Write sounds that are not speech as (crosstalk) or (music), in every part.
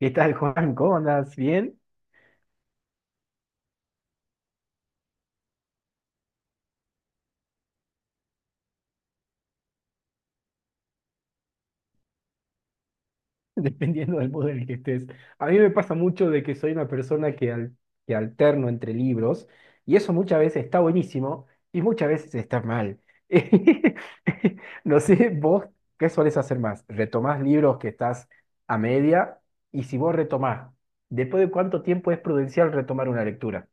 ¿Qué tal, Juan? ¿Cómo andas? ¿Bien? (laughs) Dependiendo del modo en el que estés. A mí me pasa mucho de que soy una persona que que alterno entre libros y eso muchas veces está buenísimo y muchas veces está mal. (laughs) No sé, vos, ¿qué solés hacer más? ¿Retomás libros que estás a media? Y si vos retomás, ¿después de cuánto tiempo es prudencial retomar una lectura?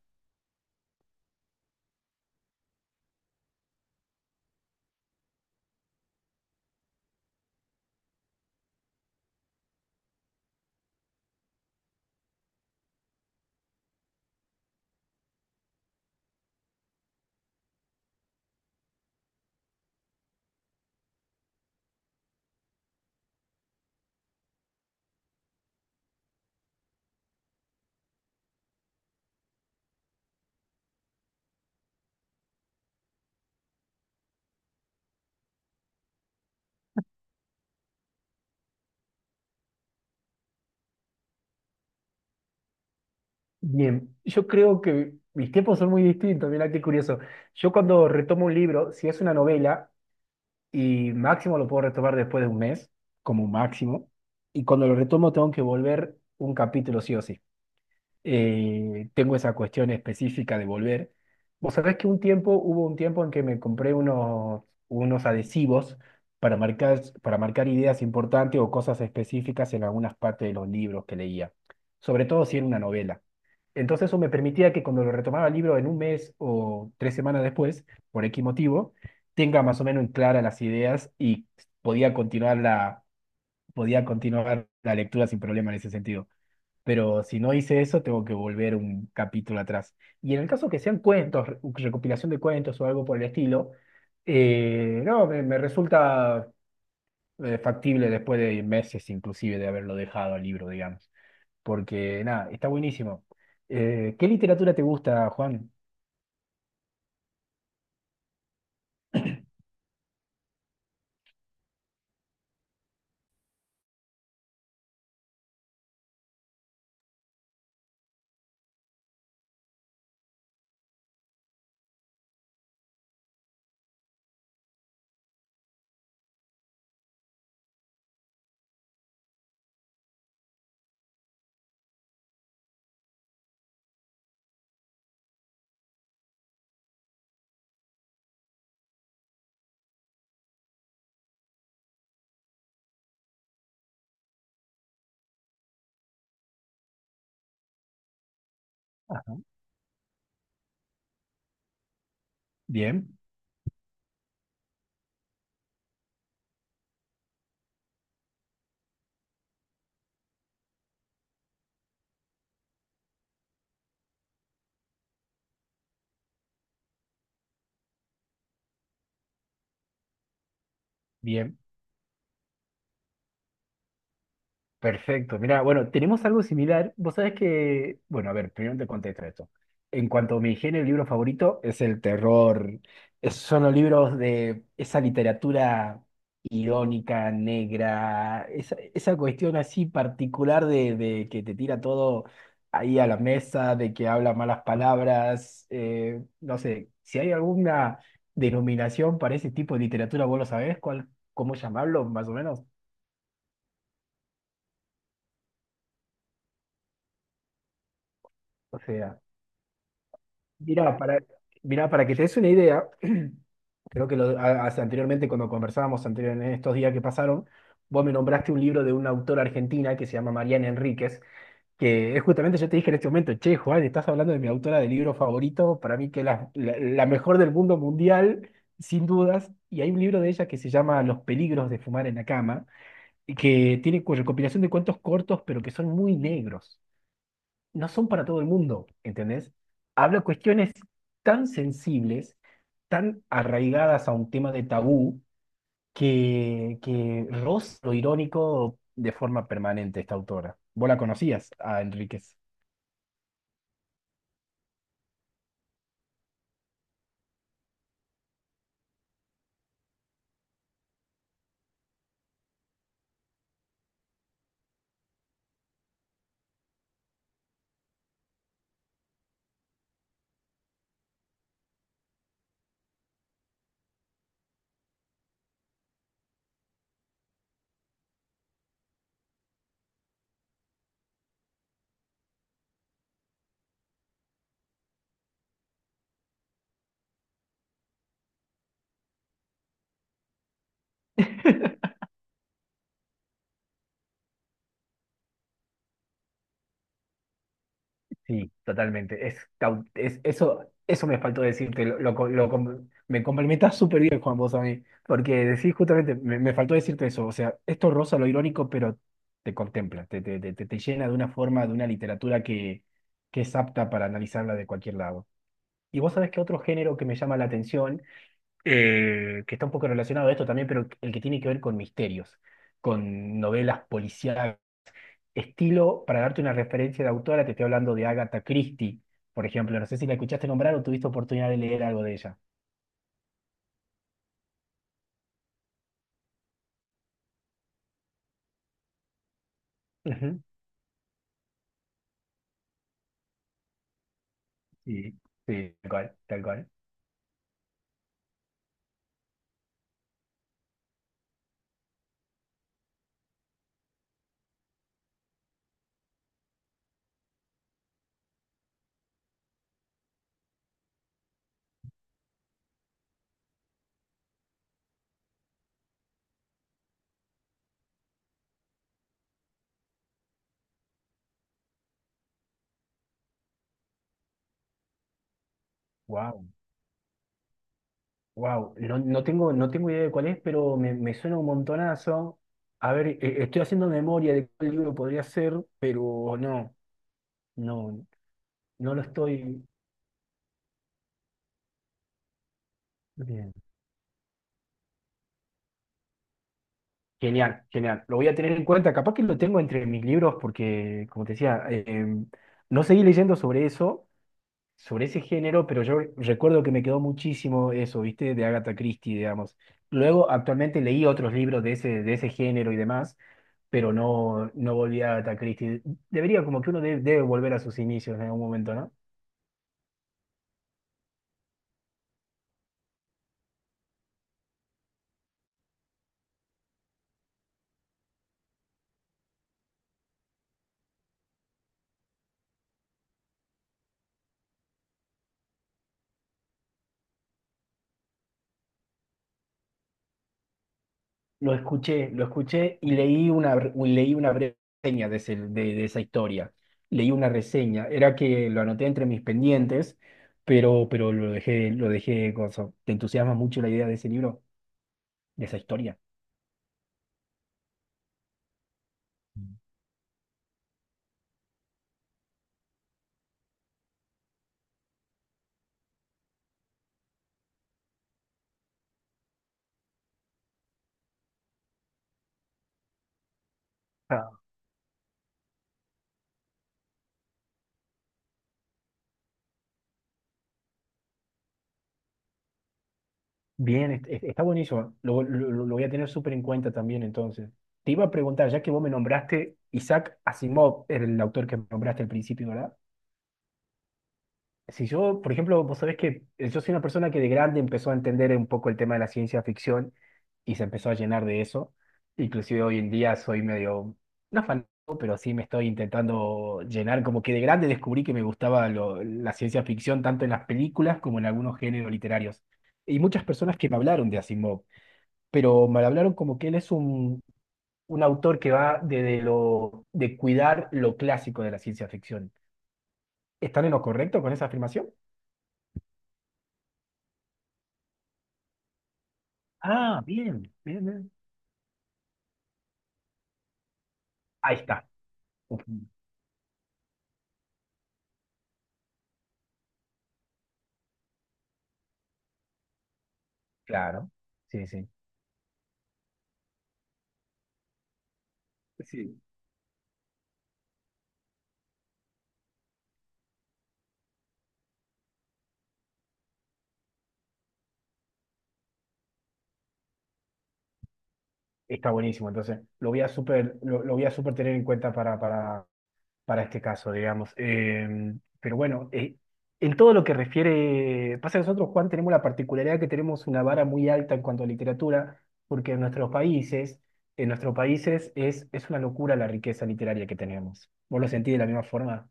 Bien, yo creo que mis tiempos son muy distintos, mirá qué curioso. Yo cuando retomo un libro, si es una novela, y máximo lo puedo retomar después de un mes, como máximo. Y cuando lo retomo tengo que volver un capítulo sí o sí. Tengo esa cuestión específica de volver. Vos sabés que hubo un tiempo en que me compré unos adhesivos para para marcar ideas importantes o cosas específicas en algunas partes de los libros que leía, sobre todo si era una novela. Entonces eso me permitía que cuando lo retomaba el libro en un mes o tres semanas después, por X motivo, tenga más o menos en clara las ideas y podía continuar la, podía continuar la lectura sin problema en ese sentido, pero si no hice eso, tengo que volver un capítulo atrás. Y en el caso que sean cuentos, recopilación de cuentos o algo por el estilo, no, me resulta factible después de meses inclusive de haberlo dejado al libro, digamos. Porque nada, está buenísimo. ¿Qué literatura te gusta, Juan? Ah, bien, bien. Perfecto. Mira, bueno, tenemos algo similar. Vos sabés que, bueno, a ver, primero te contesto esto. En cuanto a mi género, el libro favorito es el terror. Son los libros de esa literatura irónica, negra, esa cuestión así particular de que te tira todo ahí a la mesa, de que habla malas palabras. No sé, si hay alguna denominación para ese tipo de literatura, vos lo sabés, cuál, cómo llamarlo, más o menos. O sea, Mira, para, mira, para que te des una idea, (clears throat) creo que anteriormente, cuando conversábamos anterior, en estos días que pasaron, vos me nombraste un libro de una autora argentina que se llama Mariana Enríquez, que es justamente, yo te dije en este momento, che, Juan, estás hablando de mi autora de libro favorito, para mí que la mejor del mundo mundial, sin dudas, y hay un libro de ella que se llama Los peligros de fumar en la cama, y que tiene recopilación de cuentos cortos, pero que son muy negros, no son para todo el mundo, ¿entendés? Habla cuestiones tan sensibles, tan arraigadas a un tema de tabú, que roza lo irónico de forma permanente esta autora. ¿Vos la conocías a Enríquez? (laughs) Sí, totalmente. Es, eso, eso me faltó decirte. Lo co- lo com- Me complementas súper bien, Juan, vos a mí. Porque decís justamente, me faltó decirte eso. O sea, esto roza lo irónico, pero te contempla, te llena de una forma, de una literatura que es apta para analizarla de cualquier lado. Y vos sabés que otro género que me llama la atención, que está un poco relacionado a esto también, pero el que tiene que ver con misterios, con novelas policiales estilo, para darte una referencia de autora, te estoy hablando de Agatha Christie, por ejemplo. No sé si la escuchaste nombrar o tuviste oportunidad de leer algo de ella. Ujú. Sí, sí, tal cual, tal cual. Wow, wow. No, no tengo idea de cuál es, pero me suena un montonazo. A ver, estoy haciendo memoria de cuál libro podría ser, pero no, no lo estoy. Bien. Genial, genial. Lo voy a tener en cuenta. Capaz que lo tengo entre mis libros porque, como te decía, no seguí leyendo sobre eso, sobre ese género, pero yo recuerdo que me quedó muchísimo eso, ¿viste? De Agatha Christie, digamos. Luego, actualmente leí otros libros de ese género y demás, pero no volví a Agatha Christie. Debería, como que debe volver a sus inicios en algún momento, ¿no? Lo escuché y leí leí una breve reseña de esa historia. Leí una reseña. Era que lo anoté entre mis pendientes, pero lo dejé, cosa. ¿Te entusiasma mucho la idea de ese libro, de esa historia? Bien, está buenísimo. Voy a tener súper en cuenta también entonces. Te iba a preguntar, ya que vos me nombraste, Isaac Asimov era el autor que nombraste al principio, ¿verdad? Si yo, por ejemplo, vos sabés que yo soy una persona que de grande empezó a entender un poco el tema de la ciencia ficción y se empezó a llenar de eso. Inclusive hoy en día soy medio, no fanático, pero sí me estoy intentando llenar, como que de grande descubrí que me gustaba la ciencia ficción tanto en las películas como en algunos géneros literarios. Y muchas personas que me hablaron de Asimov, pero me hablaron como que él es un autor que va de cuidar lo clásico de la ciencia ficción. ¿Están en lo correcto con esa afirmación? Ah, bien, bien, bien. Ahí está. Uf, claro, sí, sí. Sí. Está buenísimo, entonces lo voy a súper tener en cuenta para este caso, digamos. Pero bueno, en todo lo que refiere, pasa que nosotros, Juan, tenemos la particularidad que tenemos una vara muy alta en cuanto a literatura, porque en nuestros países es una locura la riqueza literaria que tenemos. ¿Vos lo sentís de la misma forma?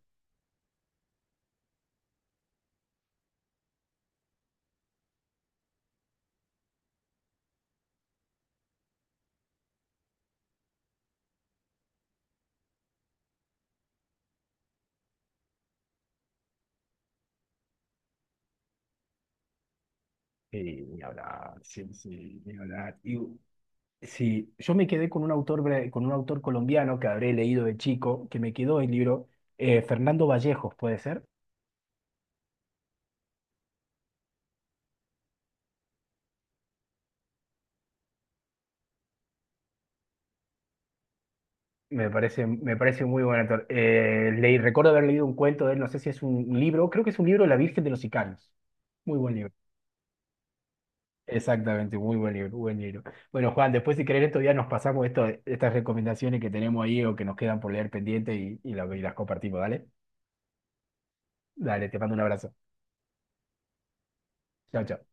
Sí, ni hablar, sí, sí, ni hablar. Y sí, yo me quedé con un autor, con un autor colombiano que habré leído de chico, que me quedó el libro, Fernando Vallejos, ¿puede ser? Me parece muy buen actor. Recuerdo haber leído un cuento de él, no sé si es un libro, creo que es un libro, La Virgen de los Sicarios. Muy buen libro. Exactamente, muy buen libro, buen libro. Bueno, Juan, después si querés estos días nos pasamos esto, estas recomendaciones que tenemos ahí o que nos quedan por leer pendiente y, y las compartimos, ¿dale? Dale, te mando un abrazo. Chao, chao.